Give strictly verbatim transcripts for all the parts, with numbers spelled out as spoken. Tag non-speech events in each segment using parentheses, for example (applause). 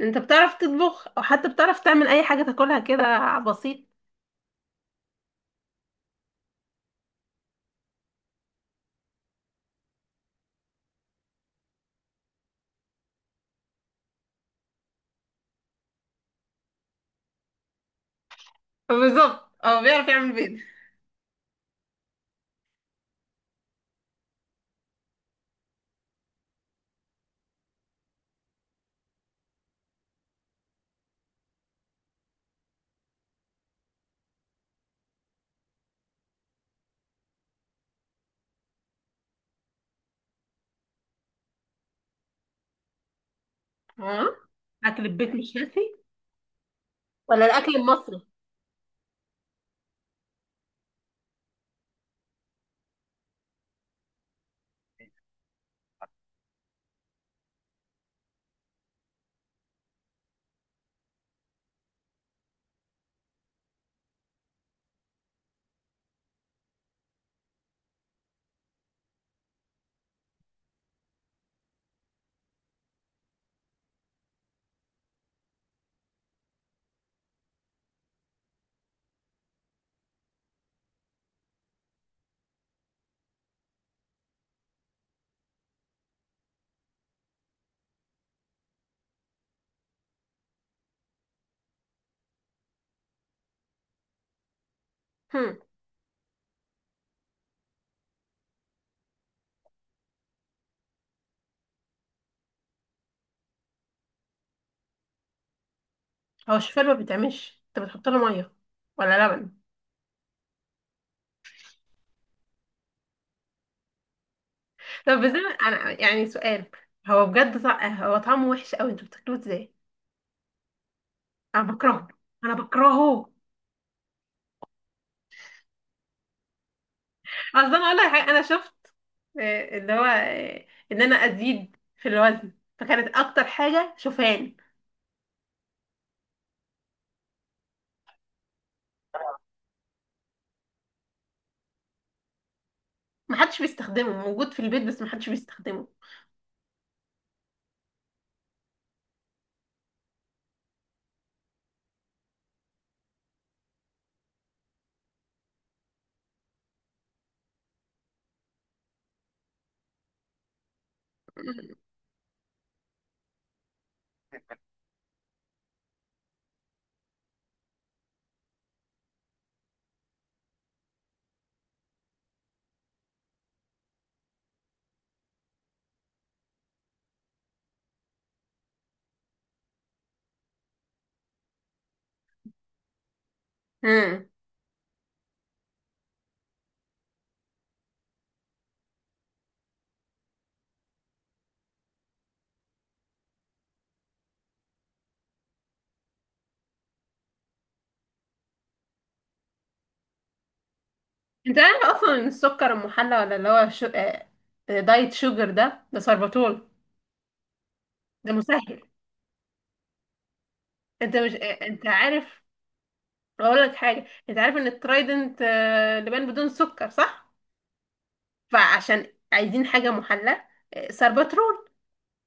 انت بتعرف تطبخ او حتى بتعرف تعمل اي حاجه تاكلها كده بسيط؟ بالظبط، اه، بيعرف يعمل بيض. اه، اكل البيت مش شافي. ولا الاكل المصري؟ هم. هو الشوفان ما بيتعملش؟ انت بتحط له ميه ولا لبن؟ طب ازاي؟ انا يعني سؤال. هو بجد طع... هو طعمه وحش قوي، انتوا بتاكلوه ازاي؟ انا بكرهه. انا بكرهه. اصلا، انا اقول لك حاجة، انا شفت، آه، اللي هو، آه، ان انا ازيد في الوزن، فكانت اكتر حاجه شوفان. محدش بيستخدمه، موجود في البيت بس محدش بيستخدمه. امم. انت عارف اصلا ان السكر المحلى، ولا اللي هو شو... آه، آه، دايت شوجر، ده ده سربتول. ده مسهل. انت مش، آه، انت عارف. اقول لك حاجه، انت عارف ان الترايدنت آه، لبان بدون سكر، صح؟ فعشان عايزين حاجه محلى، آه، سربترول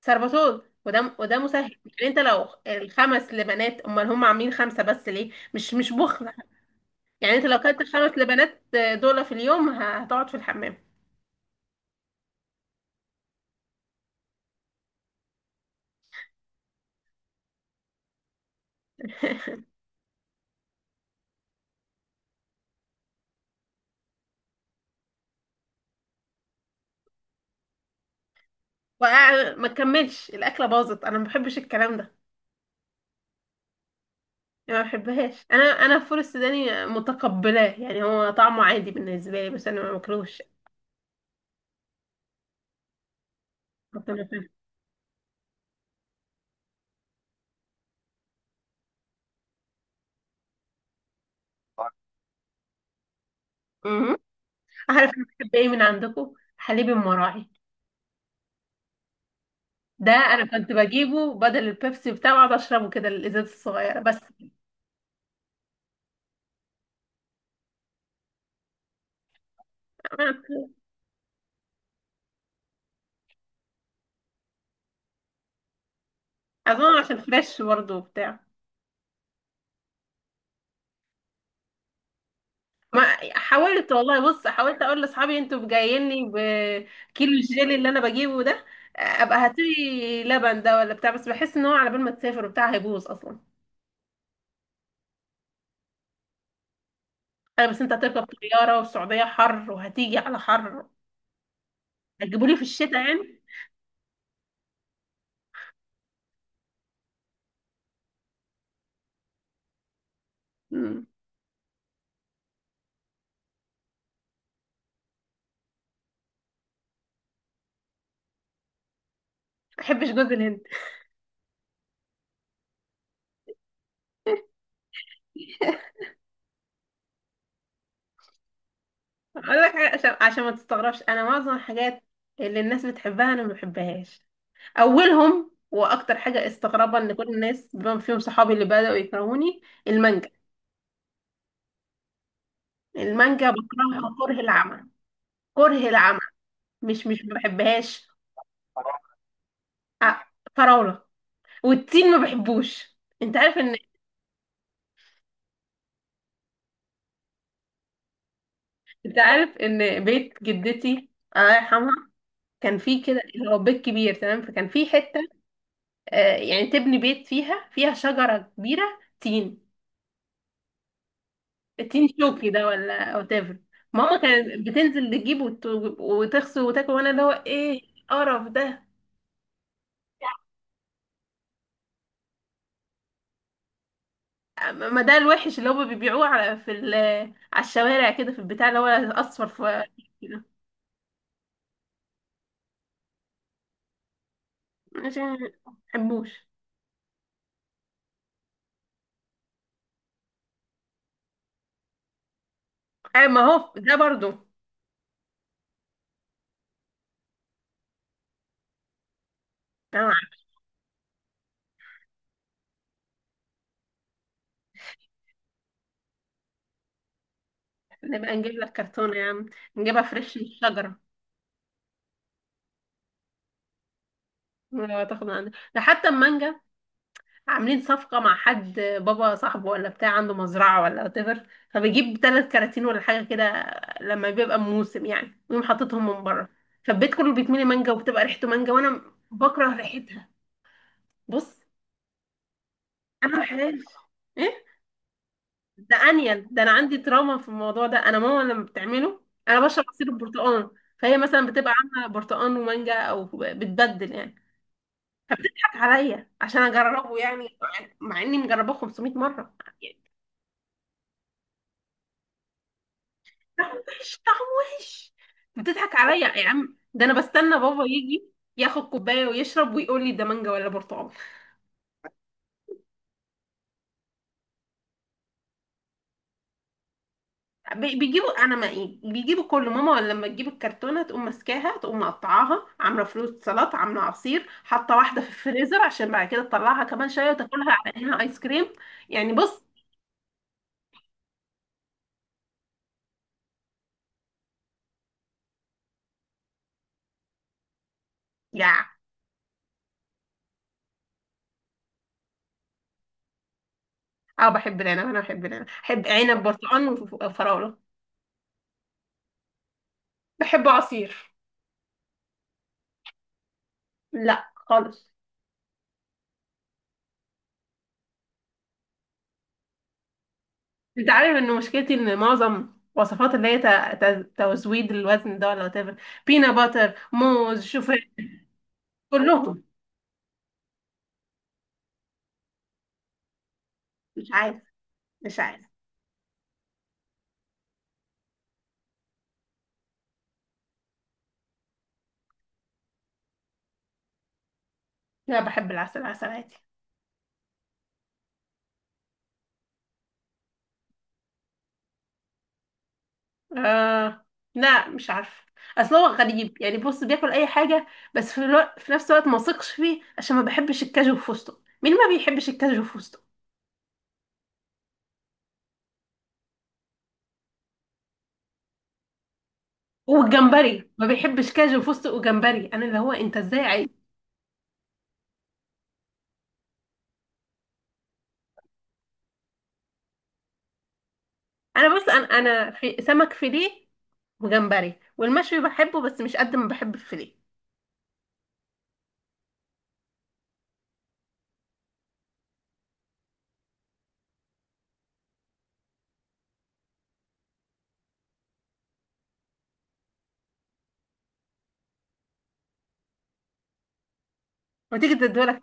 سربتول، وده وده مسهل. يعني انت لو الخمس لبنات، امال هم عاملين خمسه بس ليه مش مش بخل؟ يعني انت لو كانت الخمس لبنات آه، دول في اليوم، هتقعد في الحمام. وقع ما كملش، الاكله باظت، انا ما بحبش الكلام ده. يعني ما بحبهاش، انا انا الفول السوداني متقبلاه، يعني هو طعمه عادي بالنسبه لي، بس انا ما باكلوش. كنت باكله. أمم. عارف انا بحب ايه من عندكم؟ حليب المراعي. ده انا كنت بجيبه بدل البيبسي، بتاعه اقعد اشربه كده الازاز الصغيره بس. (laughs) اظن عشان فريش برضه وبتاع. ما حاولت والله، بص، حاولت اقول لاصحابي انتوا جاييني بكيلو الجيلي اللي انا بجيبه ده، ابقى هاتلي لبن ده ولا بتاع، بس بحس ان هو على بال ما تسافر وبتاع هيبوظ اصلا. انا بس، انت هتركب طياره والسعوديه حر، وهتيجي على حر. هتجيبوا لي في الشتاء يعني. مم. ما بحبش جوز الهند. اقول لك حاجه، عشان عشان ما تستغربش، انا معظم الحاجات اللي الناس بتحبها انا ما بحبهاش. اولهم واكتر حاجه استغرابا، ان كل الناس بما فيهم صحابي اللي بداوا يكرهوني. المانجا. المانجا بكرهها كره العمى. كره العمى. مش مش ما بحبهاش. أ- فراولة. والتين ما بحبوش. انت عارف ان انت عارف ان بيت جدتي، الله يرحمها، كان فيه كده اللي هو بيت كبير تمام، فكان فيه حتة، آه يعني تبني بيت، فيها فيها شجرة كبيرة، تين. التين شوكي ده، ولا whatever؟ ماما كانت بتنزل تجيب وت- وتغسل وتاكل، وانا اللي هو ايه القرف ده. ما ده الوحش اللي هما بيبيعوه، على في ال... على الشوارع كده، في البتاع اللي هو اصفر في كده، مش بحبوش. أي، ما هو ده برضو. أنا عارفة. نبقى نجيب لك كرتونة يا عم، نجيبها فريش من الشجرة. لو تاخد من عندنا، ده حتى المانجا، عاملين صفقة مع حد، بابا صاحبه ولا بتاع عنده مزرعة ولا whatever، فبيجيب ثلاث كراتين ولا حاجة كده لما بيبقى موسم يعني، ويقوم حاططهم من بره، فالبيت كله بيتملي مانجا، وبتبقى ريحته مانجا، وانا بكره ريحتها. بص، انا ما بحبهاش. ايه؟ ده انيل، ده انا عندي تراما في الموضوع ده. انا ماما لما بتعمله انا بشرب عصير البرتقال، فهي مثلا بتبقى عامله برتقال ومانجا، او بتبدل يعني، فبتضحك عليا عشان اجربه، يعني مع اني مجرباه خمسمية مره، يعني طعم وحش، طعم وحش. بتضحك عليا يا عم، ده انا بستنى بابا يجي ياخد كوبايه ويشرب ويقول لي ده مانجا ولا برتقال؟ بي- بيجيبوا، انا ما إيه، بيجيبوا كله. ماما لما تجيب الكرتونه تقوم ماسكاها، تقوم مقطعاها، عامله فروت سلطه، عامله عصير، حاطه واحده في الفريزر عشان بعد كده تطلعها كمان شويه وتاكلها على انها ايس كريم. يعني بص، يا، اه، بحب العنب. انا بحب العنب، بحب عنب، برتقال، وف- وفراوله. بحب عصير. لا خالص. انت عارف ان مشكلتي، ان معظم وصفات اللي هي ت- ت- تزويد الوزن ده ولا whatever، بينا باتر، موز، شوفان، كلهم. مش عايز. مش عايز. لا، بحب العسل، عسل عادي. آه. لا مش عارفة. اصل هو غريب، يعني بص بياكل اي حاجة، بس في, الوقت في نفس الوقت ما ثقش فيه، عشان ما بحبش الكاجو وفستق. مين ما بيحبش الكاجو وفستق والجمبري؟ ما بيحبش كاجو وفستق وجمبري، انا اللي هو انت ازاي عايز؟ انا بص، انا انا في سمك فيليه وجمبري والمشوي بحبه، بس مش قد ما بحب الفيليه. وتيجي تدولك.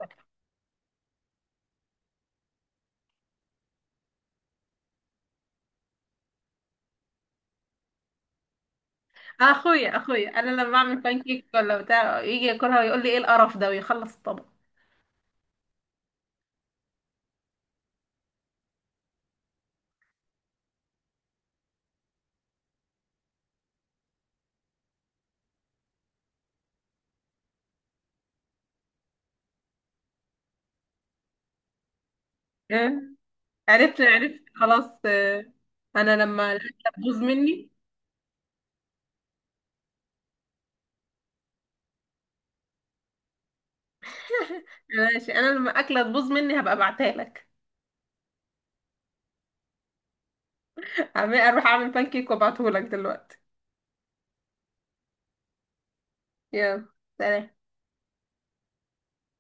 اخويا اخويا انا لما بعمل بان كيك ولا بتاع يجي ياكلها ويقول لي ايه القرف ده، ويخلص الطبق. عرفت، عرفت، خلاص. آه، انا لما الاكله تبوظ مني. ماشي، انا لما الاكله تبوظ مني هبقى ابعتها لك. (laughs) أعمل- اروح اعمل بانكيك وابعته لك دلوقتي. يلا. سلام.